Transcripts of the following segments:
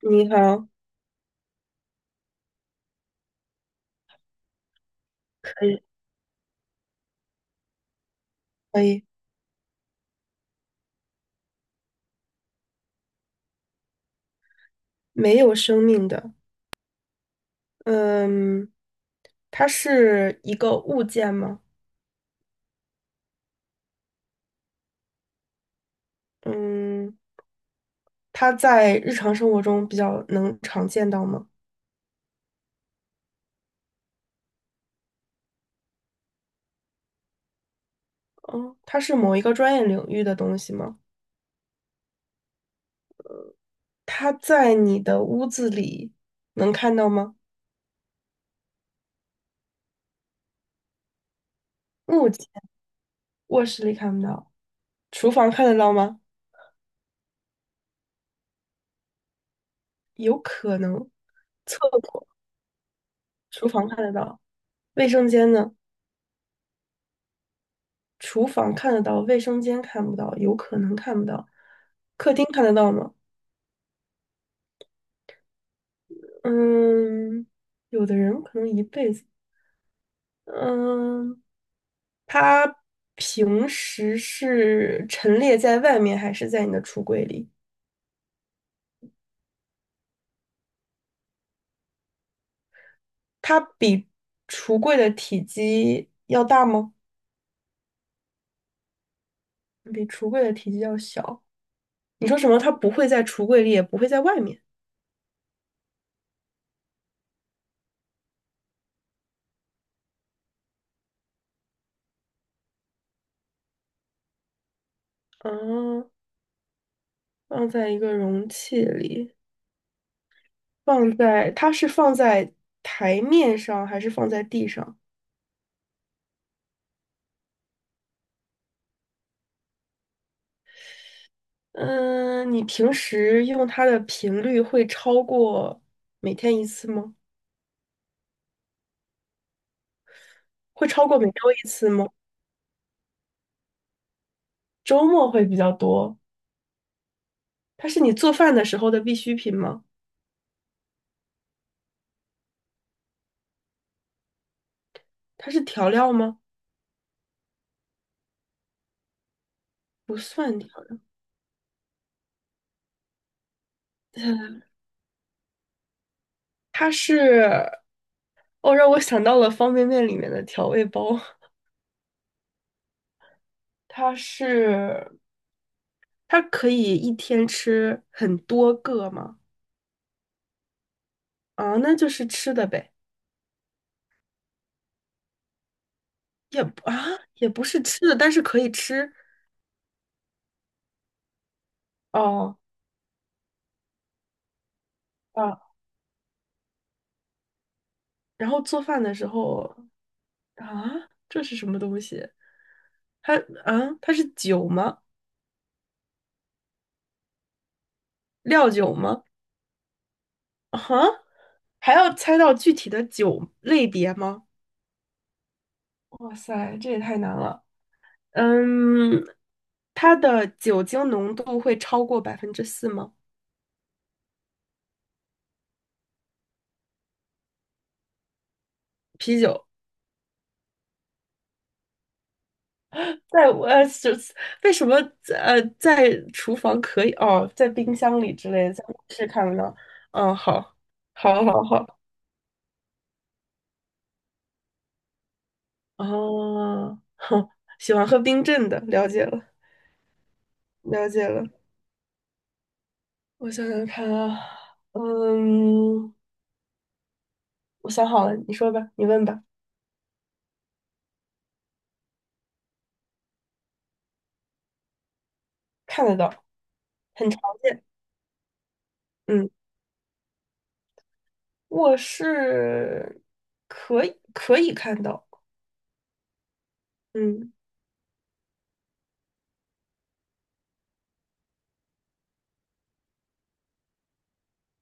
你好，可以，可以，没有生命的，嗯，它是一个物件吗？嗯，它在日常生活中比较能常见到吗？哦，它是某一个专业领域的东西吗？它在你的屋子里能看到吗？目前卧室里看不到，厨房看得到吗？有可能，厕所、厨房看得到，卫生间呢？厨房看得到，卫生间看不到，有可能看不到，客厅看得到吗？嗯，有的人可能一辈子。嗯，他平时是陈列在外面还是在你的橱柜里？它比橱柜的体积要大吗？比橱柜的体积要小。你说什么？它不会在橱柜里，也不会在外面。嗯，放在一个容器里，放在，它是放在台面上还是放在地上？嗯，你平时用它的频率会超过每天一次吗？会超过每周一次吗？周末会比较多。它是你做饭的时候的必需品吗？它是调料吗？不算调料。呃它是，哦，让我想到了方便面里面的调味包。它是，它可以一天吃很多个吗？啊，那就是吃的呗，也不啊，也不是吃的，但是可以吃。哦。啊。然后做饭的时候啊，这是什么东西？它啊，它是酒吗？料酒吗？啊，还要猜到具体的酒类别吗？哇塞，这也太难了。嗯，它的酒精浓度会超过百分之四吗？啤酒在我就是为什么在厨房可以哦，在冰箱里之类的，在卧室看不到。嗯，好，好，好，好。哦，哼，喜欢喝冰镇的，了解了，了解了。我想想看啊，嗯，我想好了，你说吧，你问吧。看得到，很常见。嗯，卧室可以看到，嗯，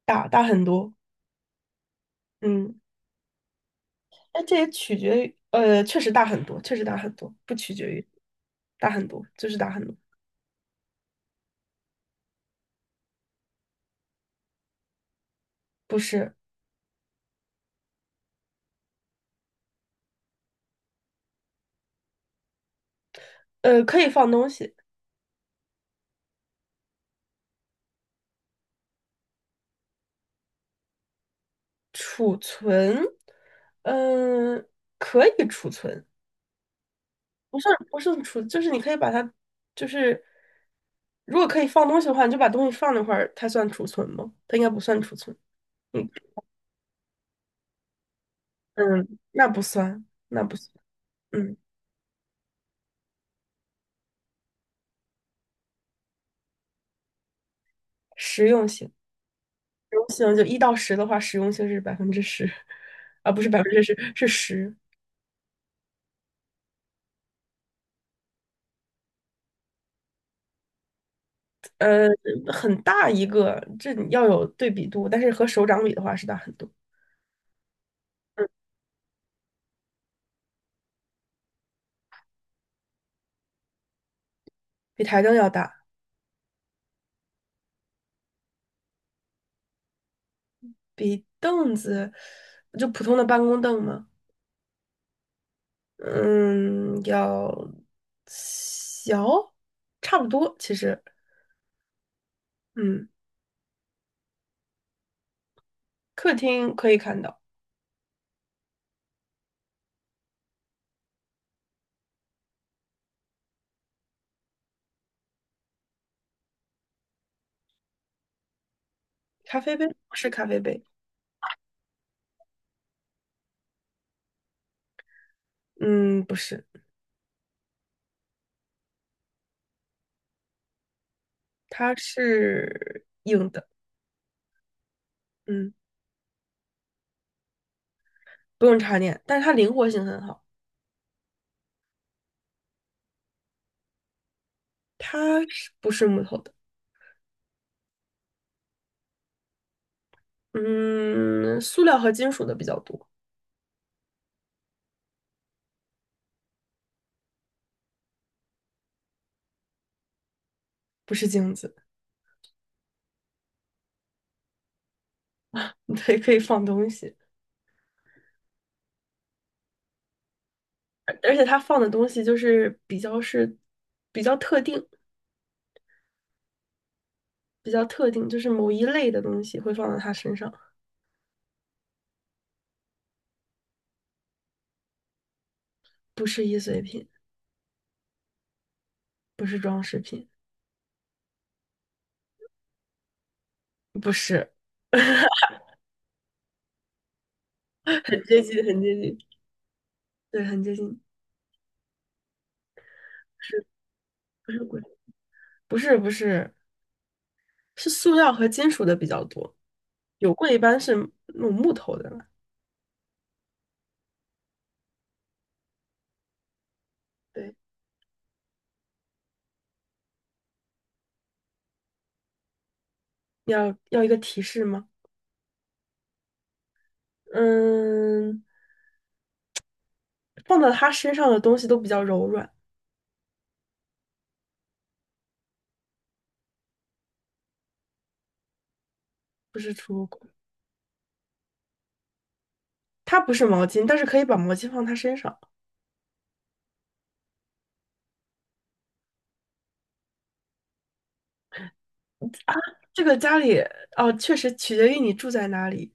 大大很多，嗯，哎，这也取决于，确实大很多，确实大很多，不取决于大很多，就是大很多，不是，可以放东西，储存，嗯、可以储存。不是储，就是你可以把它，就是如果可以放东西的话，你就把东西放那块儿，它算储存吗？它应该不算储存。嗯嗯，那不算，那不算。嗯，实用性，实用性就一到十的话，实用性是百分之十，啊，不是百分之十，是十。呃，很大一个，这你要有对比度，但是和手掌比的话是大很多，比台灯要大，比凳子，就普通的办公凳嘛。嗯，要小，差不多，其实，嗯，客厅可以看到，咖啡杯不是咖啡杯，嗯，不是，它是硬的，嗯，不用插电，但是它灵活性很好，它是不是木头的？嗯，塑料和金属的比较多，不是镜子，对，可以放东西，而且它放的东西就是比较是比较特定，比较特定，就是某一类的东西会放到它身上。不是易碎品，不是装饰品，不是，很接近，很接近，对，很接近，是不是贵？不是，不是，是塑料和金属的比较多，有柜一般是那种木头的了。对，要一个提示吗？嗯，放到他身上的东西都比较柔软，不是储物柜。它不是毛巾，但是可以把毛巾放他身上。这个家里哦，确实取决于你住在哪里。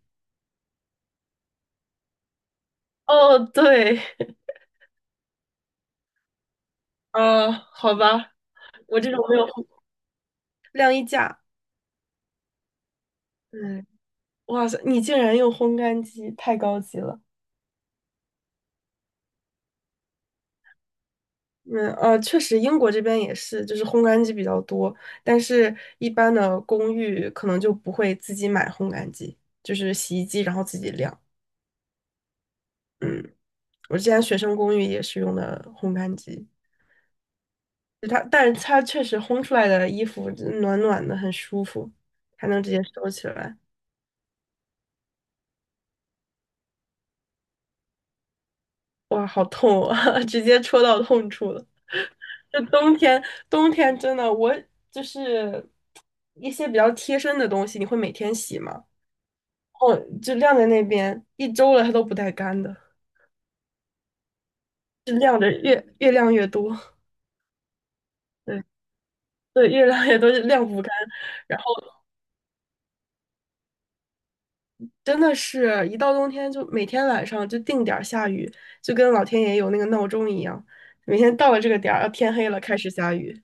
哦，对，哦，好吧，我这种没有，晾衣架。嗯，哇塞，你竟然用烘干机，太高级了。确实，英国这边也是，就是烘干机比较多，但是一般的公寓可能就不会自己买烘干机，就是洗衣机然后自己晾。嗯，我之前学生公寓也是用的烘干机，就它，但是它确实烘出来的衣服暖暖的，很舒服，还能直接收起来。哇，好痛啊，直接戳到痛处了。就冬天，冬天真的，我就是一些比较贴身的东西，你会每天洗吗？哦，就晾在那边一周了，它都不带干的，就晾着越晾越多，对对，越晾越多就晾不干。然后真的是一到冬天，就每天晚上就定点儿下雨，就跟老天爷有那个闹钟一样，每天到了这个点儿，啊天黑了开始下雨。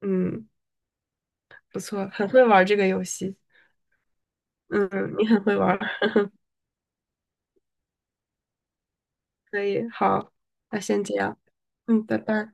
嗯，不错，很会玩儿这个游戏。嗯，你很会玩儿，可以，好，那先这样。嗯，拜拜。